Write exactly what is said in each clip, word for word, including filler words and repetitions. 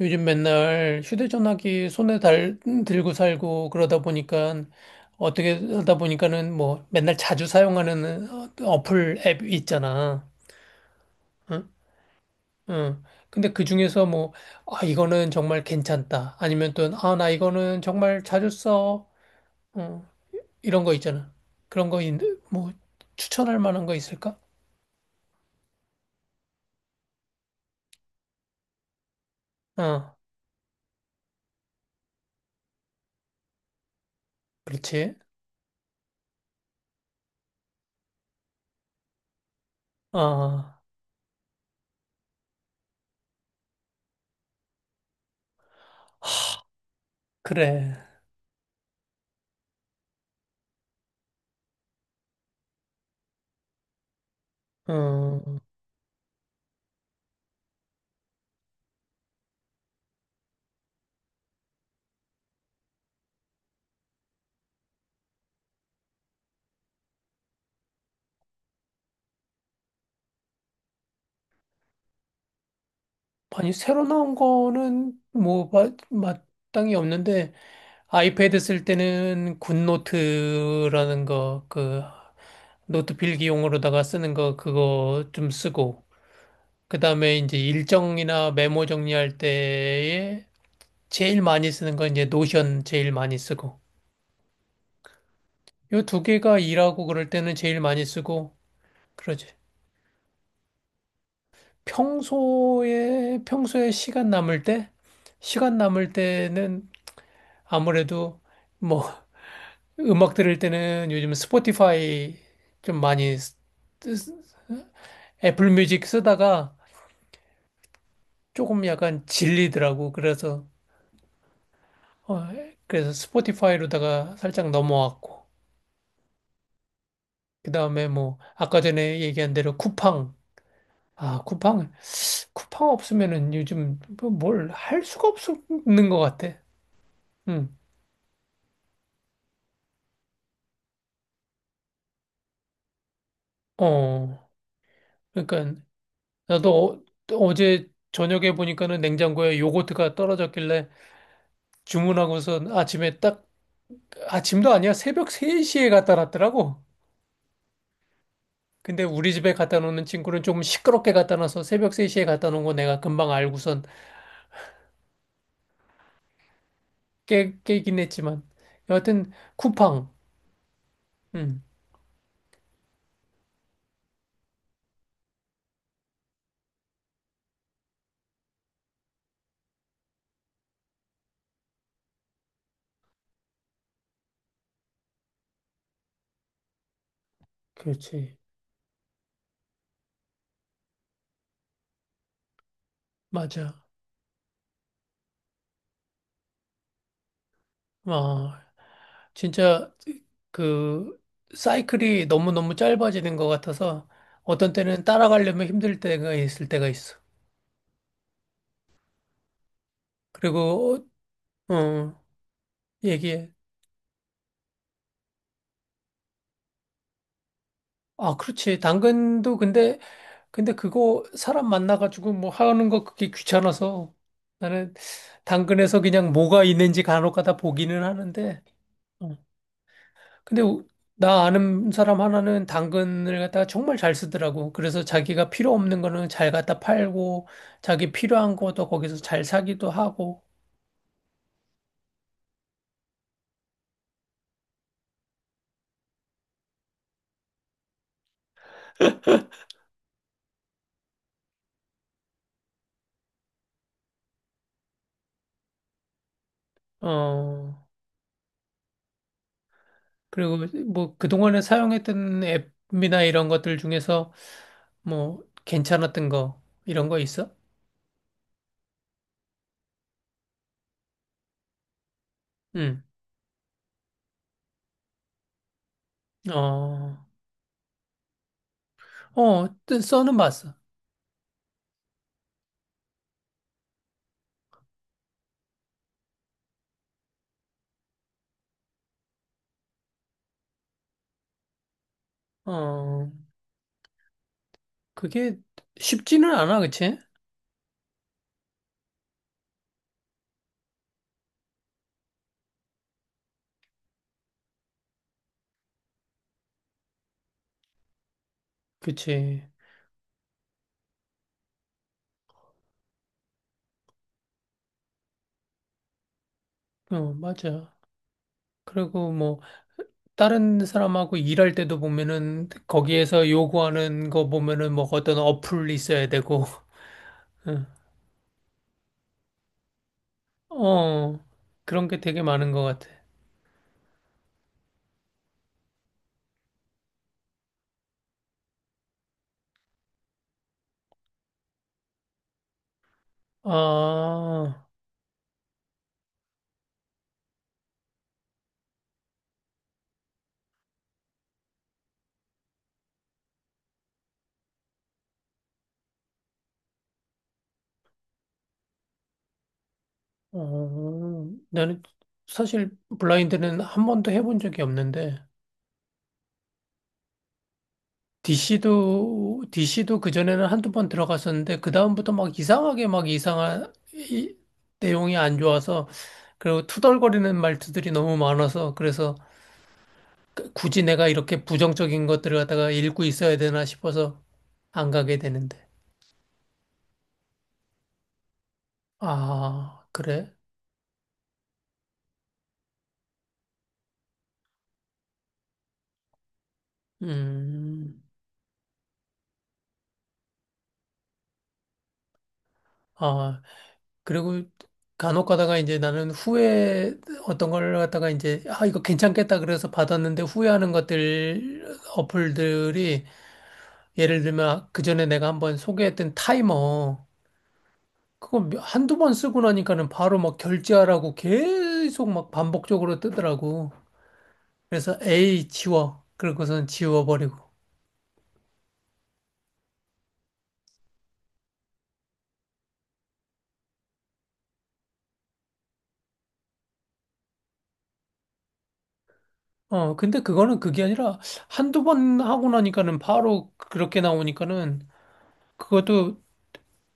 요즘 맨날 휴대전화기 손에 달, 들고 살고 그러다 보니까 어떻게 하다 보니까는 뭐 맨날 자주 사용하는 어- 어플 앱 있잖아. 응? 응. 근데 그 중에서 뭐, 아, 이거는 정말 괜찮다. 아니면 또, 아, 나 이거는 정말 자주 써. 어, 이런 거 있잖아. 그런 거, 있- 뭐, 추천할 만한 거 있을까? 어, 그렇지. 어, 그래. 어. 아니, 새로 나온 거는 뭐, 마, 마땅히 없는데, 아이패드 쓸 때는 굿노트라는 거, 그, 노트 필기용으로다가 쓰는 거, 그거 좀 쓰고, 그 다음에 이제 일정이나 메모 정리할 때에 제일 많이 쓰는 건 이제 노션 제일 많이 쓰고, 요 두 개가 일하고 그럴 때는 제일 많이 쓰고, 그러지. 평소에, 평소에 시간 남을 때, 시간 남을 때는 아무래도 뭐, 음악 들을 때는 요즘 스포티파이 좀 많이 쓰- 쓰- 애플 뮤직 쓰다가 조금 약간 질리더라고. 그래서 어, 그래서 스포티파이로다가 살짝 넘어왔고. 그다음에 뭐 아까 전에 얘기한 대로 쿠팡. 아, 쿠팡. 쿠팡 없으면은 요즘 뭐 뭘할 수가 없는 것 같아. 응. 어. 그러니까 나도 어, 어제 저녁에 보니까는 냉장고에 요거트가 떨어졌길래 주문하고서 아침에 딱 아침도 아니야. 새벽 세 시에 갖다 놨더라고. 근데 우리 집에 갖다 놓는 친구는 조금 시끄럽게 갖다 놔서 새벽 세 시에 갖다 놓은 거 내가 금방 알고선 깨, 깨긴 했지만. 여하튼, 쿠팡. 응, 그렇지. 맞아. 아, 진짜, 그, 사이클이 너무너무 짧아지는 것 같아서 어떤 때는 따라가려면 힘들 때가 있을 때가 있어. 그리고, 어, 어, 얘기해. 아, 그렇지. 당근도 근데 근데 그거 사람 만나가지고 뭐 하는 거 그게 귀찮아서 나는 당근에서 그냥 뭐가 있는지 간혹 가다 보기는 하는데. 어. 근데 우- 나 아는 사람 하나는 당근을 갖다가 정말 잘 쓰더라고. 그래서 자기가 필요 없는 거는 잘 갖다 팔고 자기 필요한 것도 거기서 잘 사기도 하고. 어. 그리고 뭐 그동안에 사용했던 앱이나 이런 것들 중에서 뭐 괜찮았던 거 이런 거 있어? 응. 어. 어, 뜨- 써는 봤어. 어, 그게 쉽지는 않아, 그치? 그치. 어, 맞아. 그리고 뭐, 다른 사람하고 일할 때도 보면은, 거기에서 요구하는 거 보면은, 뭐, 어떤 어플이 있어야 되고, 어, 그런 게 되게 많은 것 같아. 아, 어, 나는 사실 블라인드는 한 번도 해본 적이 없는데, 디씨도, 디씨도 그전에는 한두 번 들어갔었는데, 그다음부터 막 이상하게 막 이상한 이, 내용이 안 좋아서, 그리고 투덜거리는 말투들이 너무 많아서, 그래서 굳이 내가 이렇게 부정적인 것들을 갖다가 읽고 있어야 되나 싶어서 안 가게 되는데. 아, 그래? 음, 아, 그리고 간혹 가다가 이제 나는 후회 어떤 걸 갖다가 이제, 아, 이거 괜찮겠다 그래서 받았는데 후회하는 것들, 어플들이 예를 들면 그전에 내가 한번 소개했던 타이머 그거 몇- 한두 번 쓰고 나니까는 바로 막 결제하라고 계속 막 반복적으로 뜨더라고. 그래서 에이 지워. 그러고선 지워버리고. 어 근데 그거는 그게 아니라 한두 번 하고 나니까는 바로 그렇게 나오니까는 그것도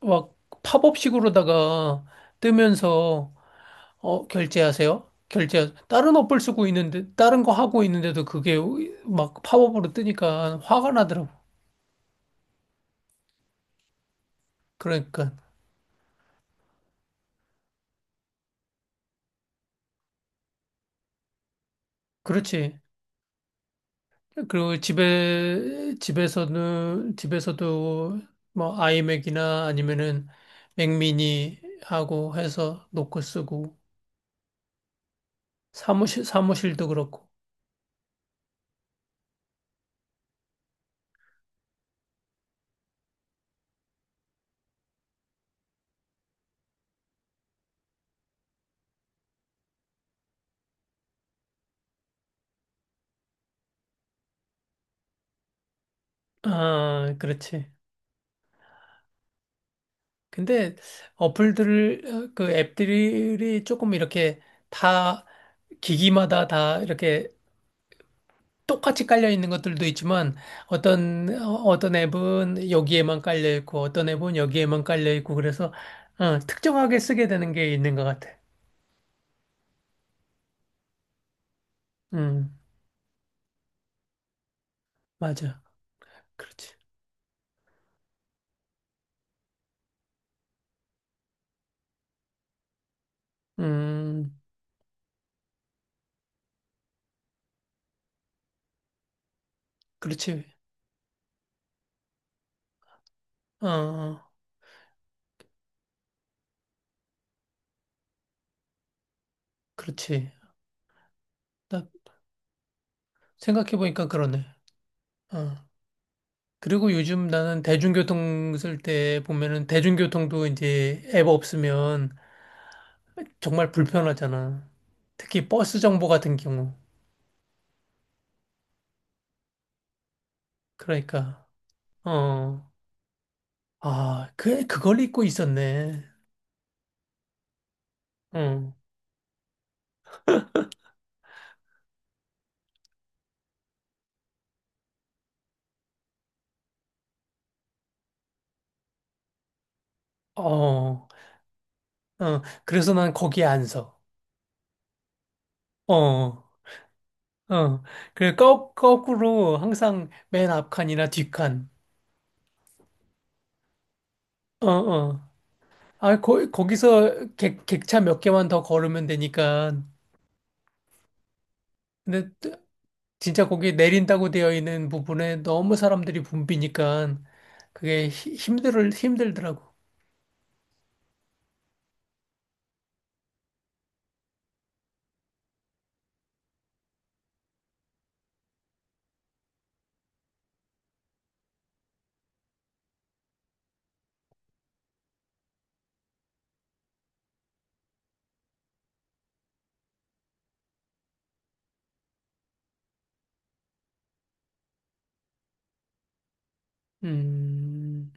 막 팝업식으로다가 뜨면서 어 결제하세요. 결제 다른 어플 쓰고 있는데 다른 거 하고 있는데도 그게 막 팝업으로 뜨니까 화가 나더라고. 그러니까 그렇지. 그리고 집에 집에서는 집에서도 뭐 아이맥이나 아니면은 맥미니 하고 해서 노크 쓰고 사무실 사무실도 그렇고. 아, 그렇지. 근데 어플들을 어, 그 앱들이 조금 이렇게 다 기기마다 다 이렇게 똑같이 깔려 있는 것들도 있지만 어떤 어, 어떤 앱은 여기에만 깔려 있고 어떤 앱은 여기에만 깔려 있고 그래서 어, 특정하게 쓰게 되는 게 있는 것 같아. 음, 맞아. 그렇지. 음, 그렇지. 어, 어, 그렇지. 나 생각해 보니까 그러네. 어. 그리고 요즘 나는 대중교통 쓸 때 보면은 대중교통도 이제 앱 없으면 정말 불편하잖아. 특히 버스 정보 같은 경우. 그러니까 어. 아, 그, 그걸 입고 있었네. 응, 어, 어, 그래서 난 거기에 안 서. 어, 어. 그래, 거, 거꾸로 항상 맨 앞칸이나 뒷칸. 어, 어. 아, 거, 거기서 객, 객차 몇 개만 더 걸으면 되니까. 근데 또 진짜 거기 내린다고 되어 있는 부분에 너무 사람들이 붐비니까 그게 힘들, 힘들더라고. 음,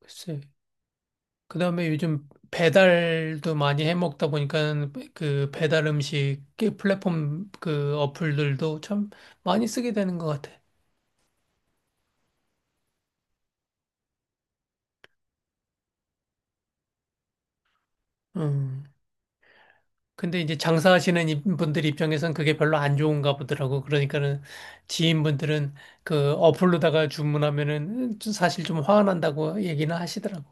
글쎄. 그다음에 요즘 배달도 많이 해 먹다 보니까 그 배달 음식 그 플랫폼 그 어플들도 참 많이 쓰게 되는 것 같아. 음. 근데 이제 장사하시는 이- 분들 입장에선 그게 별로 안 좋은가 보더라고. 그러니까는 지인분들은 그 어플로다가 주문하면은 좀 사실 좀 화가 난다고 얘기는 하시더라고.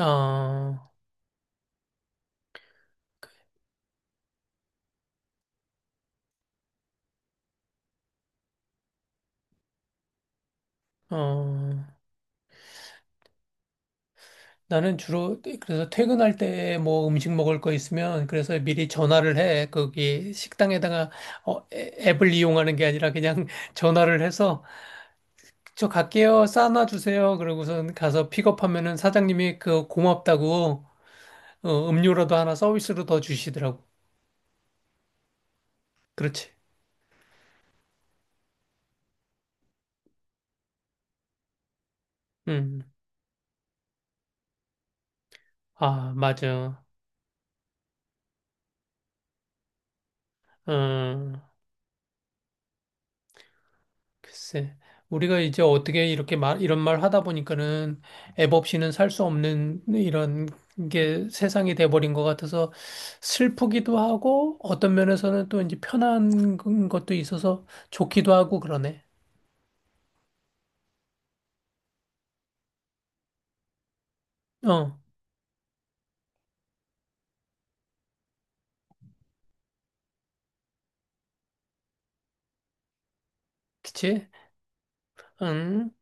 어, 어. 나는 주로 그, 그래서 퇴근할 때 뭐 음식 먹을 거 있으면 그래서 미리 전화를 해. 거기 식당에다가 어, 애- 앱을 이용하는 게 아니라 그냥 전화를 해서 저 갈게요. 싸놔 주세요. 그러고선 가서 픽업하면은 사장님이 그 고맙다고 어, 음료라도 하나 서비스로 더 주시더라고. 그렇지. 음. 아, 맞아. 어. 글쎄, 우리가 이제 어떻게 이렇게 말, 이런 말 하다 보니까는 앱 없이는 살 수 없는 이런 게 세상이 돼버린 것 같아서 슬프기도 하고 어떤 면에서는 또 이제 편한 것도 있어서 좋기도 하고 그러네. 어, 그치? 응.